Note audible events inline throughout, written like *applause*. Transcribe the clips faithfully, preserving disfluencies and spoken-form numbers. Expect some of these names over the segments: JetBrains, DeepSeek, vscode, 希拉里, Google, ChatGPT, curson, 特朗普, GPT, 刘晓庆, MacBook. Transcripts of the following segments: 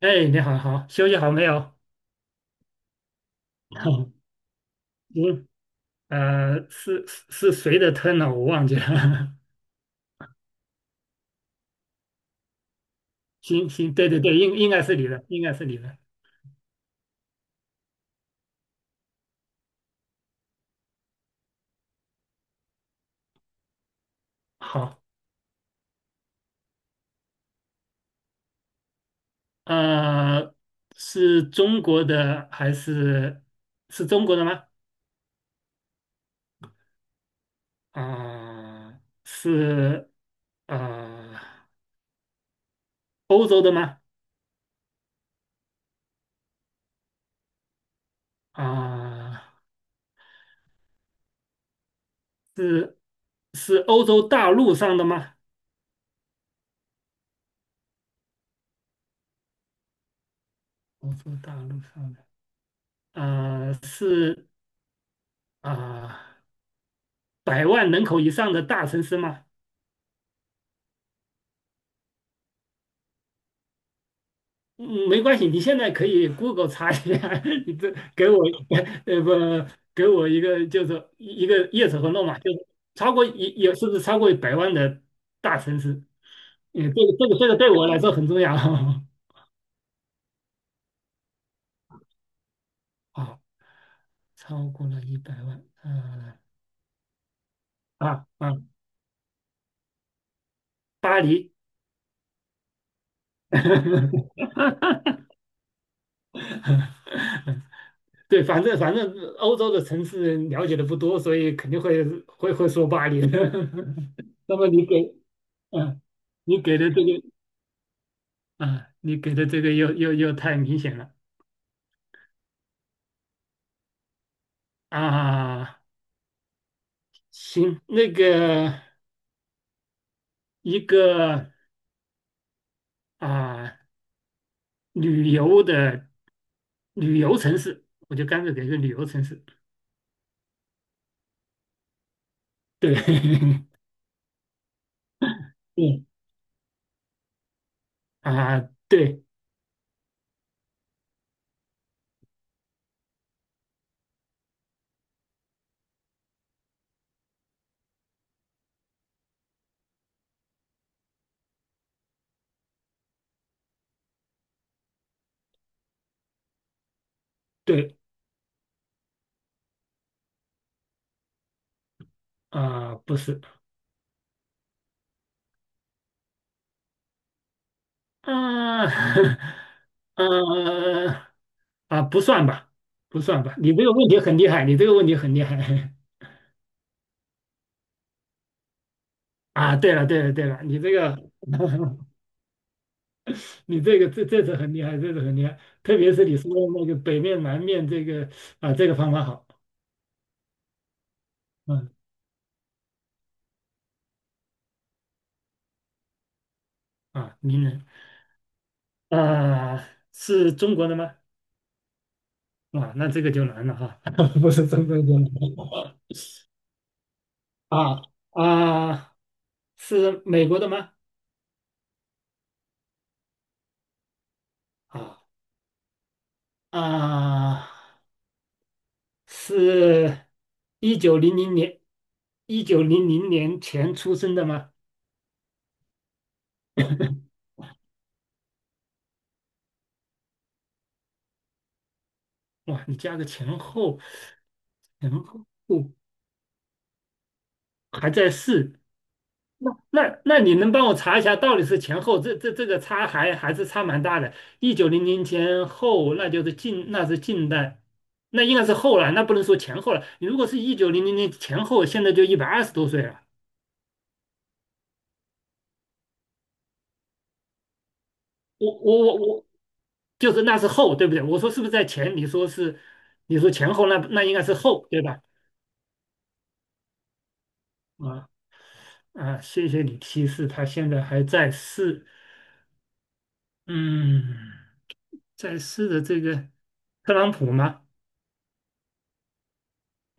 哎，你好，好，休息好没有？*laughs* 嗯，呃，是是是谁的 turn 呢？我忘记了。*laughs* 行行，对对对，应应该是你的，应该是你的。好，呃，是中国的还是是中国的吗？啊、是呃欧洲的吗？啊、是是欧洲大陆上的吗？欧洲大陆上的，呃，是啊。百万人口以上的大城市吗？嗯，没关系，你现在可以 Google 查一下。*laughs* 你这给我呃不给我一个就是一个 yes 和 no 嘛，就是超过也也是不是超过百万的大城市？嗯，这个这个这个对我来说很重要。*laughs* 好，超过了一百万，嗯、啊啊，巴黎。*laughs* 对，反正反正欧洲的城市了解的不多，所以肯定会会会说巴黎的。*laughs* 那么你给，嗯，你给的这个，啊，你给的这个又又又太明显了啊！行，那个一个啊，旅游的旅游城市，我就干脆给个旅游城市。对。*laughs* 嗯啊，对对啊，不是啊。*laughs* 呃啊，不算吧，不算吧。你这个问题很厉害，你这个问题很厉害。 *laughs* 啊！对了对了对了，你这个。*laughs* 你这个这这次很厉害，这次很厉害，特别是你说的那个北面南面这个啊，这个方法好。嗯啊，名人啊，是中国的吗？啊，那这个就难了哈。*laughs* 不是中国的啊啊，是美国的吗？啊啊，是一九零零年一九零零年前出生的吗？哇，你加个前后，前后还在世。那那那你能帮我查一下，到底是前后这这这个差还还是差蛮大的。一九零零前后，那就是近那是近代，那应该是后了，那不能说前后了。你如果是一九零零年前后，现在就一百二十多岁了。我我我我，就是那是后，对不对？我说是不是在前？你说是，你说前后，那那应该是后，对吧？啊啊，谢谢你提示，他现在还在世，嗯，在世的这个特朗普吗？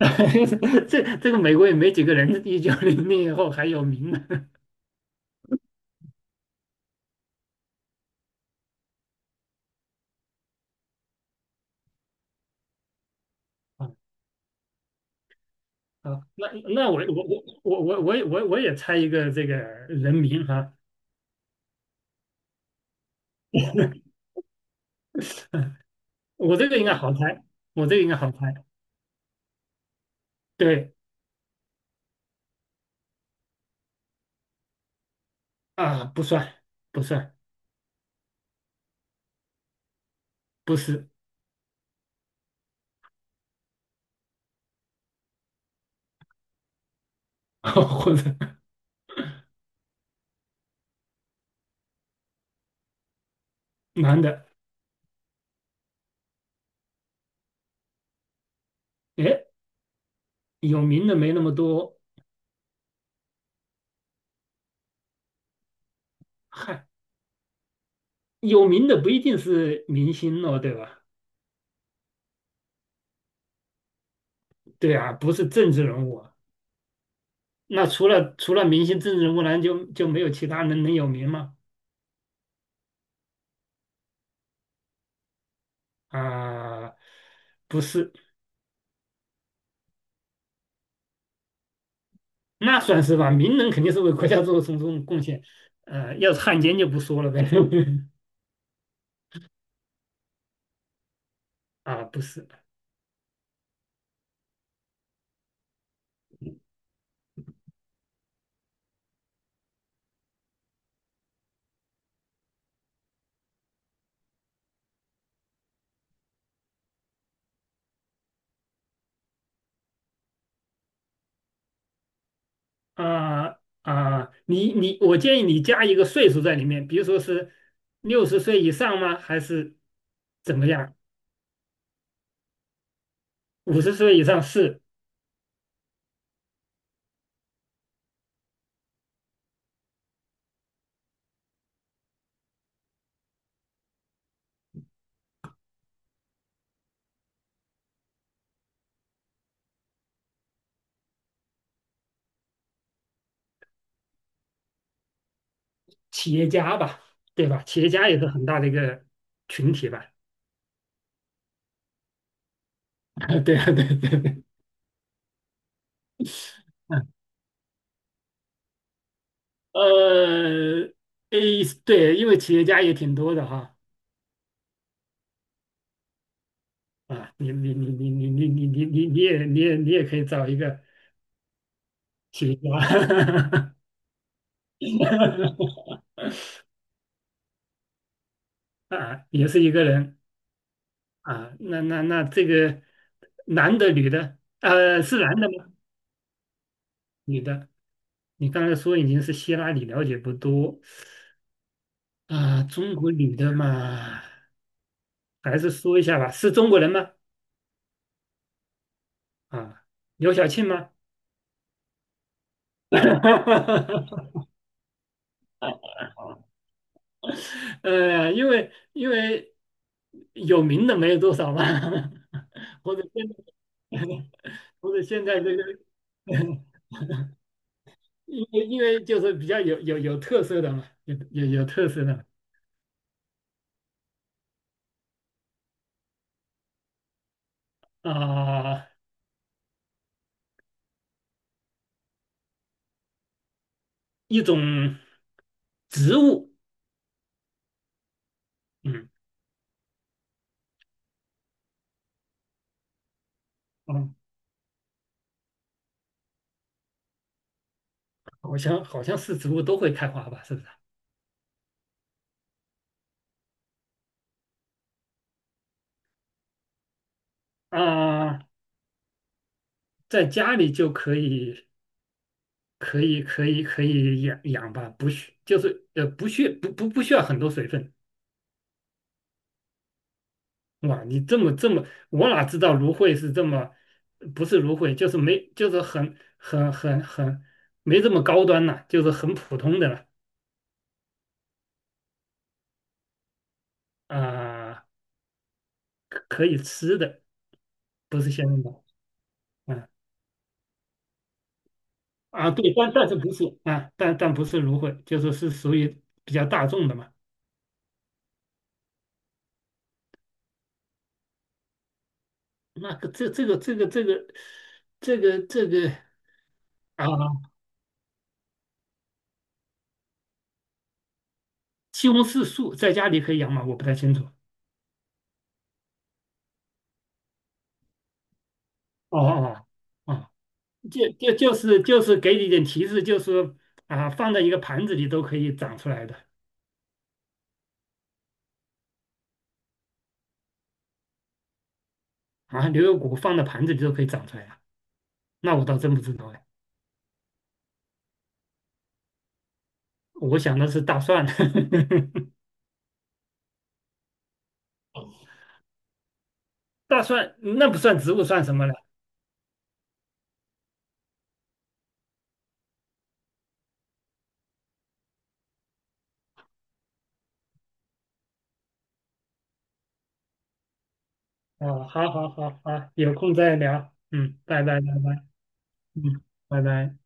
*laughs* 这这个美国也没几个人一九零零以后还有名呢。啊 *laughs* 啊，那那我我我我我我也我我也猜一个这个人名哈、*laughs* 我这个应该好猜，我这个应该好猜。对啊，不算不算，不是。*laughs* 或者男的。哎，有名的没那么多。嗨，有名的不一定是明星哦，对吧？对啊，不是政治人物啊。那除了除了明星、政治人物，难就就没有其他人能有名吗？啊、不是，那算是吧。名人肯定是为国家做出种贡献，呃，要是汉奸就不说了呗。*laughs* 啊，不是，啊啊，你你，我建议你加一个岁数在里面，比如说是六十岁以上吗？还是怎么样？五十岁以上是企业家吧，对吧？企业家也是很大的一个群体吧。*laughs* 啊对啊，对对对。*laughs* 呃，诶，对，因为企业家也挺多的哈。啊，你你你你你你你你你你也你也你也可以找一个企业家。 *laughs* 啊，也是一个人啊，那那那这个男的女的，呃，是男的吗？女的，你刚才说已经是希拉里了解不多啊，中国女的嘛，还是说一下吧，是中国人吗？啊，刘晓庆吗？*laughs* 呃，因为因为有名的没有多少吧。*laughs* 或者现在或者现在这个。因为因为就是比较有有有特色的嘛，有有有特色的啊、一种植物，嗯嗯，好像好像是植物都会开花吧，是不是？啊、在家里就可以可以可以可以养养吧，不需就是呃不需不不不需要很多水分。哇，你这么这么，我哪知道芦荟是这么，不是芦荟，就是没就是很很很很没这么高端呐、就是很普通的了啊。可可以吃的，不是仙人掌。啊啊，对，但但是不是啊，但但不是芦荟，就是是属于比较大众的嘛。那个这这个这个这个这个这个啊，西红柿树在家里可以养吗？我不太清楚。哦哦哦，就就就是就是给你一点提示，就是啊，放在一个盘子里都可以长出来的啊，牛油果放在盘子里都可以长出来啊。那我倒真不知道哎，我想的是大蒜。*laughs* 大蒜那不算植物，算什么呢？哦，好好好好，有空再聊，嗯，拜拜拜拜，嗯，拜拜。